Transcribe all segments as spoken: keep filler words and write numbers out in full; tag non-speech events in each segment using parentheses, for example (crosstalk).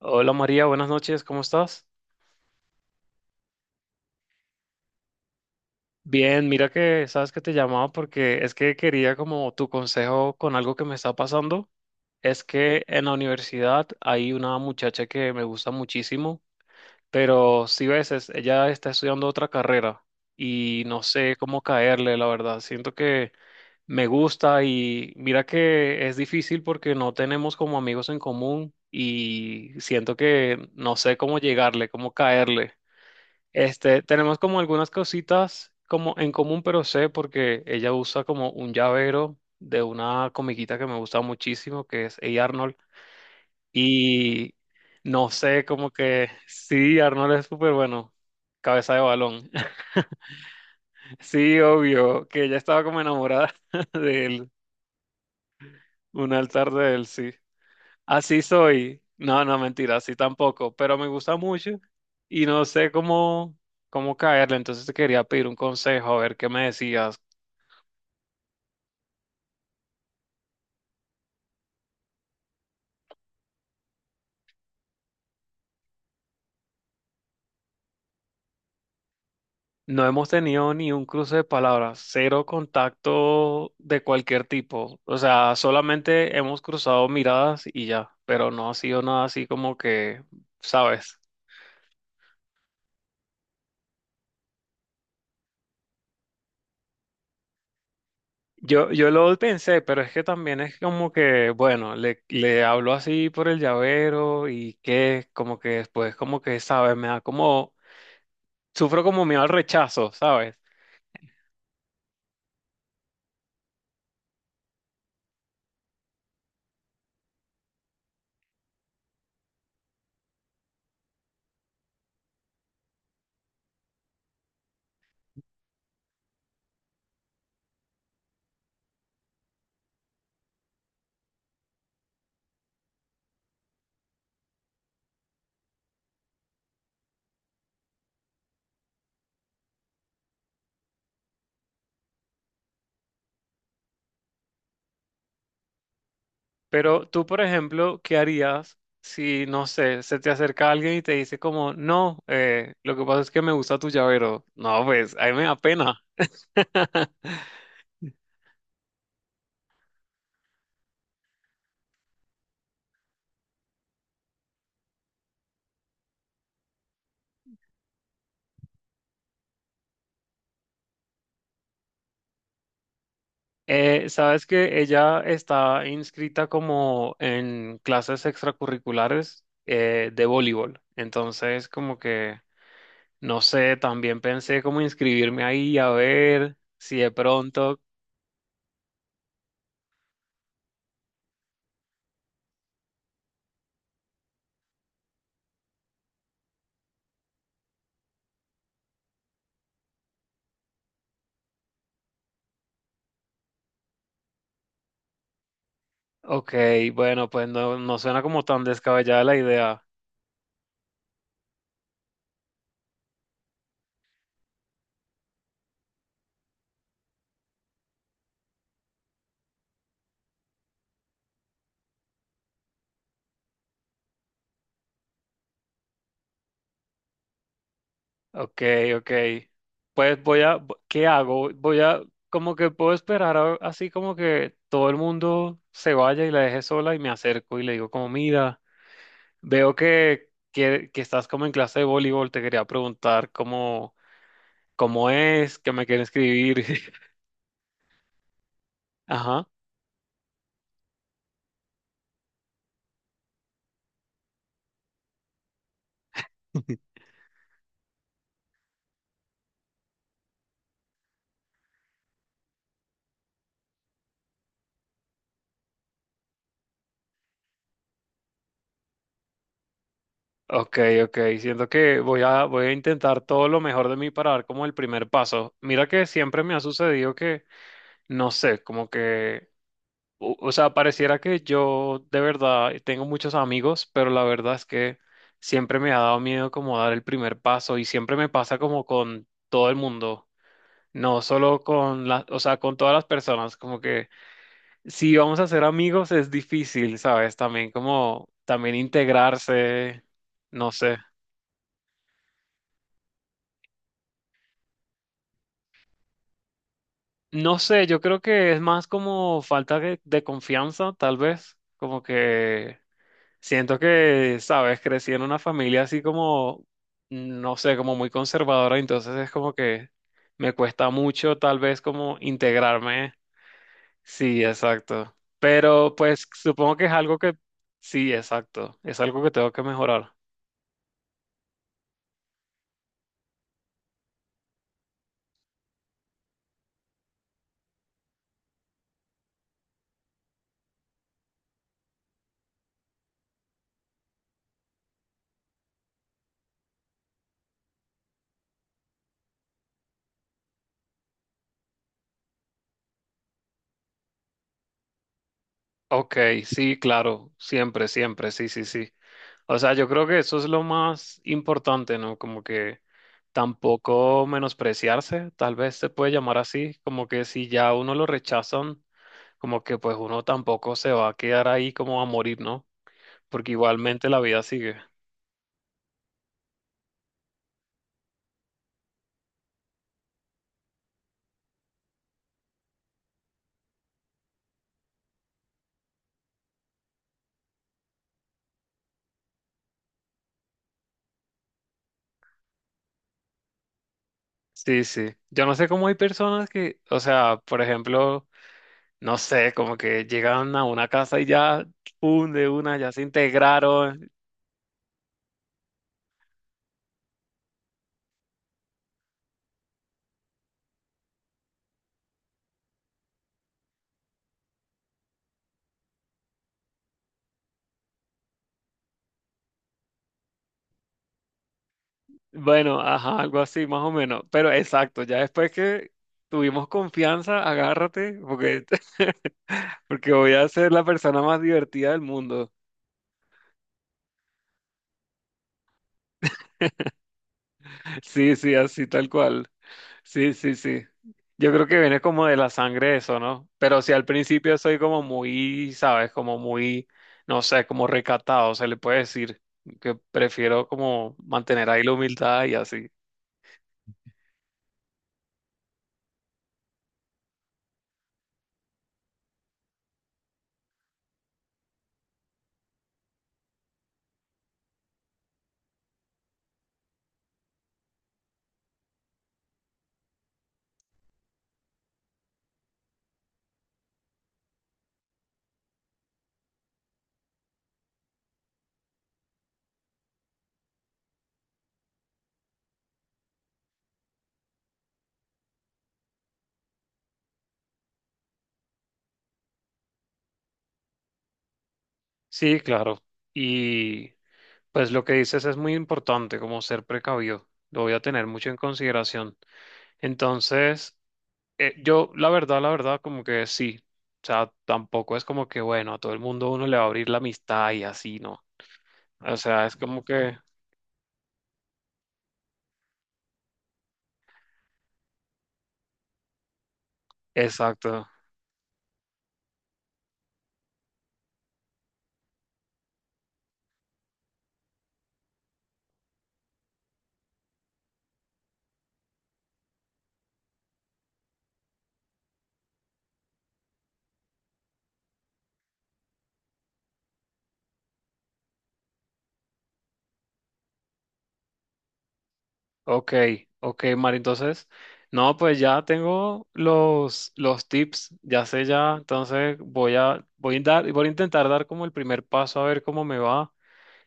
Hola María, buenas noches, ¿cómo estás? Bien, mira que sabes que te llamaba porque es que quería como tu consejo con algo que me está pasando. Es que en la universidad hay una muchacha que me gusta muchísimo, pero si ves, es- ella está estudiando otra carrera y no sé cómo caerle, la verdad. Siento que me gusta y mira que es difícil porque no tenemos como amigos en común y siento que no sé cómo llegarle, cómo caerle. Este, tenemos como algunas cositas como en común, pero sé porque ella usa como un llavero de una comiquita que me gusta muchísimo, que es Hey Arnold. Y no sé, como que (laughs) sí, Arnold es súper bueno, cabeza de balón. (laughs) Sí, obvio, que ella estaba como enamorada (laughs) de él, un altar de él, sí. Así soy. No, no, mentira, así tampoco, pero me gusta mucho y no sé cómo, cómo caerle, entonces te quería pedir un consejo, a ver qué me decías. No hemos tenido ni un cruce de palabras, cero contacto de cualquier tipo. O sea, solamente hemos cruzado miradas y ya, pero no ha sido nada así como que, ¿sabes? Yo, yo lo pensé, pero es que también es como que, bueno, le, le hablo así por el llavero y que como que después como que, ¿sabes? Me da como, sufro como miedo al rechazo, ¿sabes? Pero tú, por ejemplo, ¿qué harías si, no sé, se te acerca alguien y te dice como, no, eh, lo que pasa es que me gusta tu llavero? No, pues, a mí me da pena. (laughs) Eh, sabes que ella está inscrita como en clases extracurriculares eh, de voleibol. Entonces, como que, no sé, también pensé como inscribirme ahí a ver si de pronto, ok, bueno, pues no, no suena como tan descabellada la idea. Ok, ok. Pues voy a, ¿qué hago? Voy a, como que puedo esperar a- así como que todo el mundo se vaya y la deje sola y me acerco y le digo como, mira, veo que, que, que estás como en clase de voleibol, te quería preguntar cómo, cómo es, que me quieren escribir. (laughs) Ajá. Ok, ok. Siento que voy a, voy a intentar todo lo mejor de mí para dar como el primer paso. Mira que siempre me ha sucedido que, no sé, como que... o o sea, pareciera que yo de verdad tengo muchos amigos, pero la verdad es que siempre me ha dado miedo como dar el primer paso y siempre me pasa como con todo el mundo, no solo con las, o sea, con todas las personas, como que si vamos a ser amigos es difícil, ¿sabes? También como, también integrarse, no sé. No sé, yo creo que es más como falta de, de confianza, tal vez, como que... Siento que, sabes, crecí en una familia así como, no sé, como muy conservadora, entonces es como que me cuesta mucho tal vez como integrarme. Sí, exacto. Pero pues supongo que es algo que, sí, exacto, es algo que tengo que mejorar. Ok, sí, claro, siempre, siempre, sí, sí, sí. O sea, yo creo que eso es lo más importante, ¿no? Como que tampoco menospreciarse, tal vez se puede llamar así, como que si ya a uno lo rechazan, como que pues uno tampoco se va a quedar ahí como a morir, ¿no? Porque igualmente la vida sigue. Sí, sí. Yo no sé cómo hay personas que, o sea, por ejemplo, no sé, como que llegan a una casa y ya, pum, de una, ya se integraron. Bueno, ajá, algo así, más o menos. Pero exacto, ya después que tuvimos confianza, agárrate, porque, (laughs) porque voy a ser la persona más divertida del mundo. Sí, sí, así tal cual. Sí, sí, sí. Yo creo que viene como de la sangre eso, ¿no? Pero si al principio soy como muy, ¿sabes? Como muy, no sé, como recatado, se le puede decir que prefiero como mantener ahí la humildad y así. Sí, claro. Y pues lo que dices es muy importante, como ser precavido. Lo voy a tener mucho en consideración. Entonces, eh, yo, la verdad, la verdad, como que sí. O sea, tampoco es como que, bueno, a todo el mundo uno le va a abrir la amistad y así, ¿no? O sea, es como que, exacto. Ok, ok, Mari. Entonces, no, pues ya tengo los, los tips, ya sé ya. Entonces, voy a, voy a dar, voy a intentar dar como el primer paso a ver cómo me va.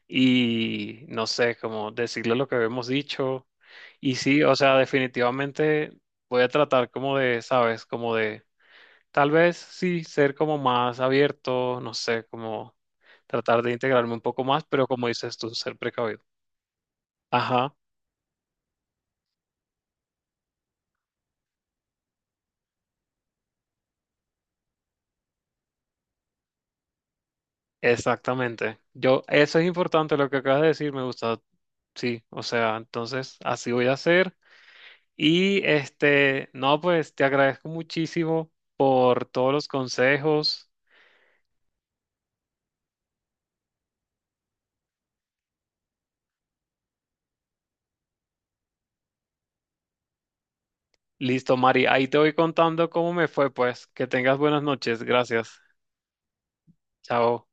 Y no sé, como decirle lo que habíamos dicho. Y sí, o sea, definitivamente voy a tratar como de, ¿sabes? Como de, tal vez sí, ser como más abierto, no sé, como tratar de integrarme un poco más, pero como dices tú, ser precavido. Ajá, exactamente. Yo, eso es importante, lo que acabas de decir, me gusta. Sí, o sea, entonces así voy a hacer. Y este, no, pues te agradezco muchísimo por todos los consejos. Listo, Mari, ahí te voy contando cómo me fue, pues. Que tengas buenas noches. Gracias. Chao.